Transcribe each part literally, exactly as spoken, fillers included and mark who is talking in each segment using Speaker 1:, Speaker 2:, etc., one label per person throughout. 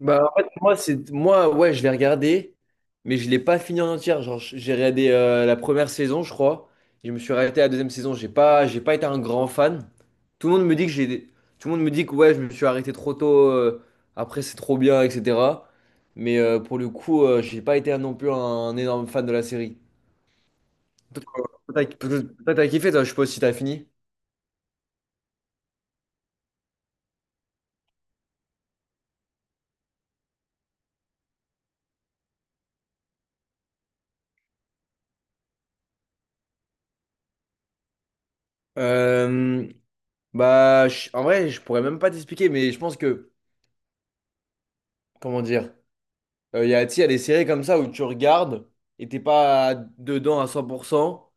Speaker 1: Bah, en fait, moi, c'est, moi, ouais, je l'ai regardé, mais je l'ai pas fini en entière. Genre, je- j'ai regardé euh, la première saison, je crois. Je me suis arrêté à la deuxième saison. J'ai pas, j'ai pas été un grand fan. Tout le monde me dit que j'ai, tout le monde me dit que ouais, je me suis arrêté trop tôt. Euh, après, c'est trop bien, et cetera. Mais euh, pour le coup, euh, j'ai pas été non plus un énorme fan de la série. Toi, t'as toi, t'as kiffé, toi, je sais pas si t'as fini. Euh, Bah, je- en vrai, je pourrais même pas t'expliquer, mais je pense que, comment dire. Euh, Il y a, tu sais, il y a des séries comme ça où tu regardes et t'es pas dedans à cent pour cent.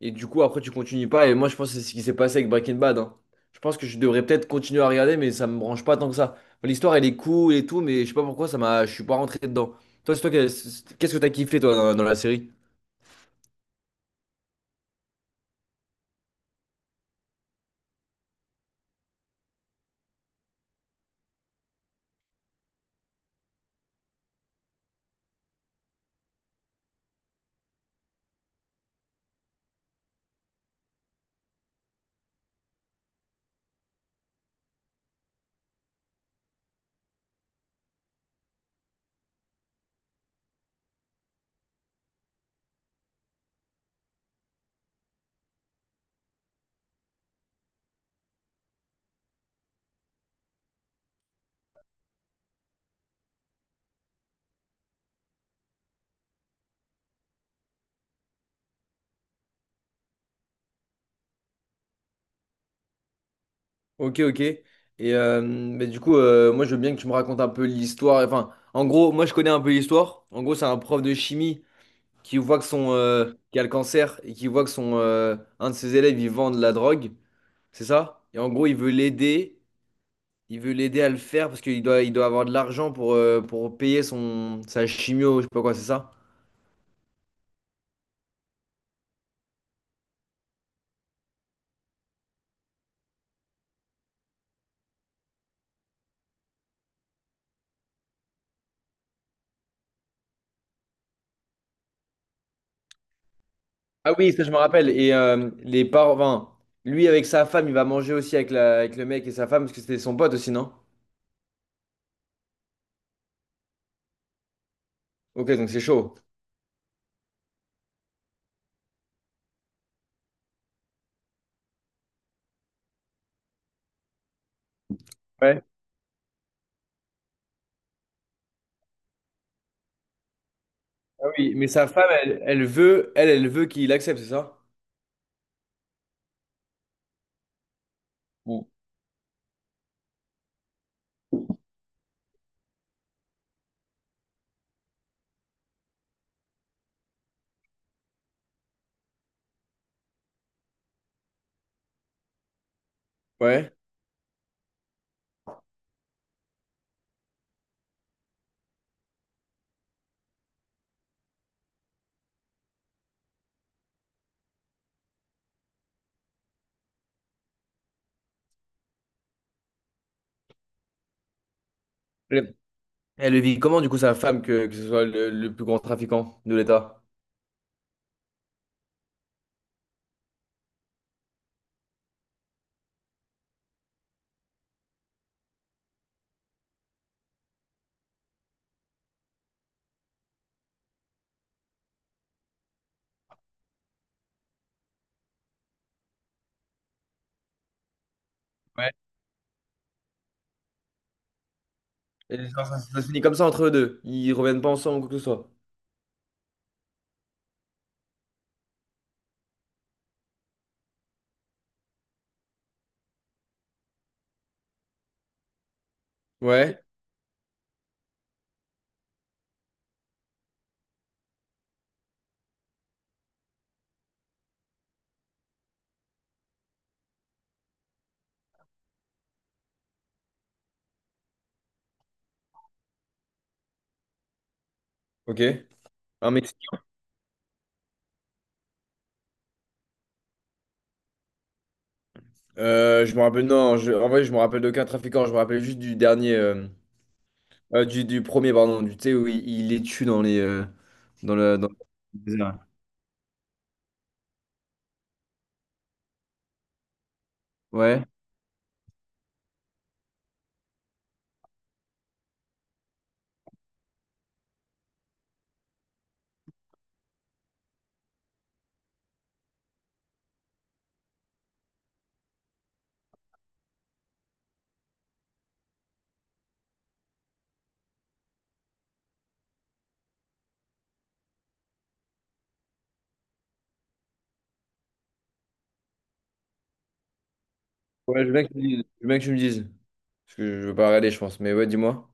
Speaker 1: Et du coup, après, tu continues pas. Et moi, je pense que c'est ce qui s'est passé avec Breaking Bad, hein. Je pense que je devrais peut-être continuer à regarder, mais ça me branche pas tant que ça. L'histoire, elle est cool et tout, mais je sais pas pourquoi ça m'a... je suis pas rentré dedans. Toi, c'est toi, qui- c'est- qu'est-ce que t'as kiffé, toi, dans, dans la série? Ok, ok. Et euh, mais du coup, euh, moi, je veux bien que tu me racontes un peu l'histoire. Enfin, en gros, moi, je connais un peu l'histoire. En gros, c'est un prof de chimie qui voit que son euh, qui a le cancer et qui voit que son euh, un de ses élèves il vend de la drogue, c'est ça? Et en gros, il veut l'aider, il veut l'aider à le faire parce qu'il doit il doit avoir de l'argent pour euh, pour payer son sa chimio, je sais pas quoi, c'est ça? Ah oui, ça je me rappelle. Et euh, les parents, enfin, lui avec sa femme, il va manger aussi avec la avec le mec et sa femme parce que c'était son pote aussi, non? Ok, donc c'est chaud. Ouais. Ah oui, mais sa femme, elle, elle veut, elle, elle veut qu'il accepte, c'est ça? Bon. Ouais. Elle le vit comment, du coup, sa femme, que, que ce soit le, le plus grand trafiquant de l'État? Ouais. Et genre, ça, ça se finit comme ça entre eux deux. Ils reviennent pas ensemble ou quoi que ce soit. Ouais, ok. Un Mexique. Euh, je me rappelle, non, je- en vrai, je me rappelle d'aucun trafiquant. Je me rappelle juste du dernier, euh, euh, du, du premier, pardon, du, tu sais, où il, il les tue dans les, euh, dans le, dans le désert. Ouais. Ouais, je veux bien que tu me dises. Je veux bien que tu me dises. Parce que je veux pas regarder, je pense. Mais ouais, dis-moi.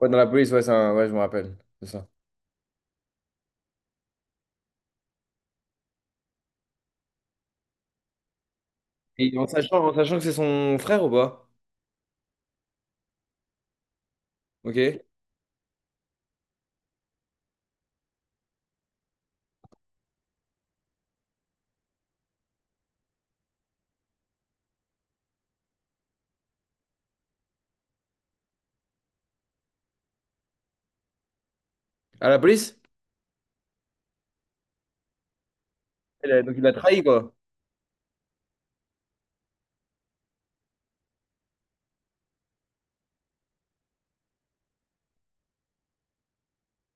Speaker 1: Ouais, dans la police, ouais, c'est un- ouais, je me rappelle. C'est ça. Et en sachant, en sachant que c'est son frère ou pas? Ok. À la police? Elle a- donc il a trahi, quoi.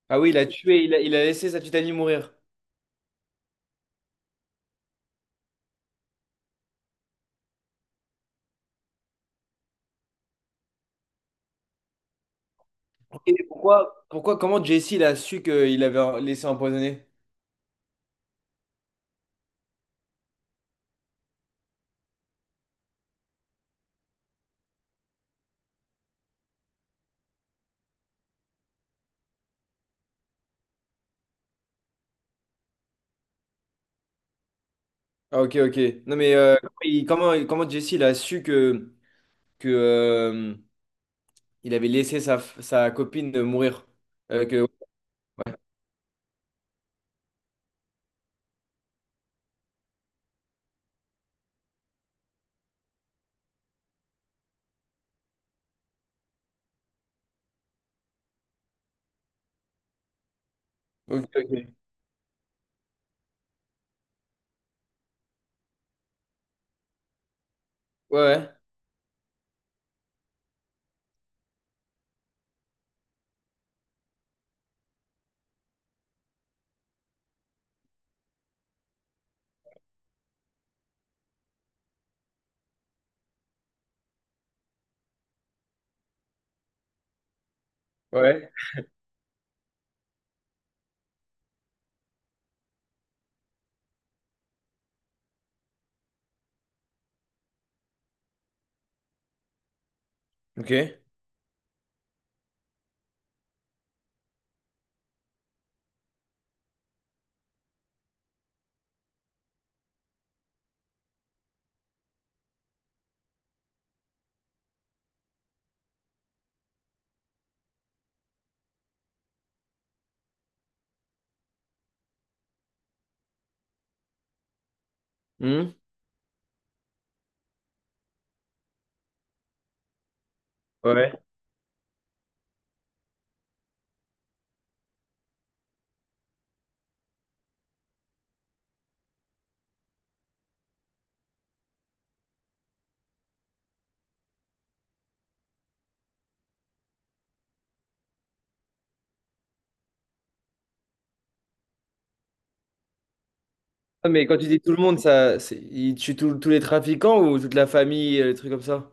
Speaker 1: Ah oui, il a tué, il a, il a laissé sa petite amie mourir. Et pourquoi? Pourquoi, comment Jesse il a su qu'il avait en- laissé empoisonner? Ah ok, ok. Non mais euh, il- comment, comment Jesse il a su que, que euh, il avait laissé sa, f- sa copine de mourir? Euh, que... Ok, ok. Ouais, ouais. Ok. Hmm. Ouais. Ah, mais quand tu dis tout le monde, ça, c'est- il tue tout- tous les trafiquants ou toute la famille, euh, des trucs comme ça?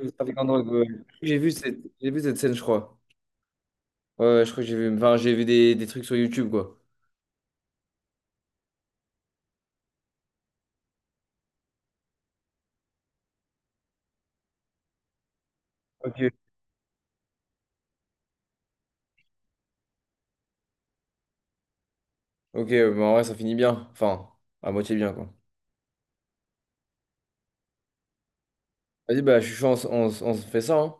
Speaker 1: Les trafiquants de drogue, ouais. J'ai vu cette, j'ai vu cette scène, je crois. Ouais, ouais, je crois que j'ai vu, enfin, j'ai vu des, des trucs sur YouTube, quoi. Ok. Ok, bah en vrai, ça finit bien. Enfin, à moitié bien, quoi. Vas-y, bah, je suis chaud, on, s- on s- on se fait ça, hein.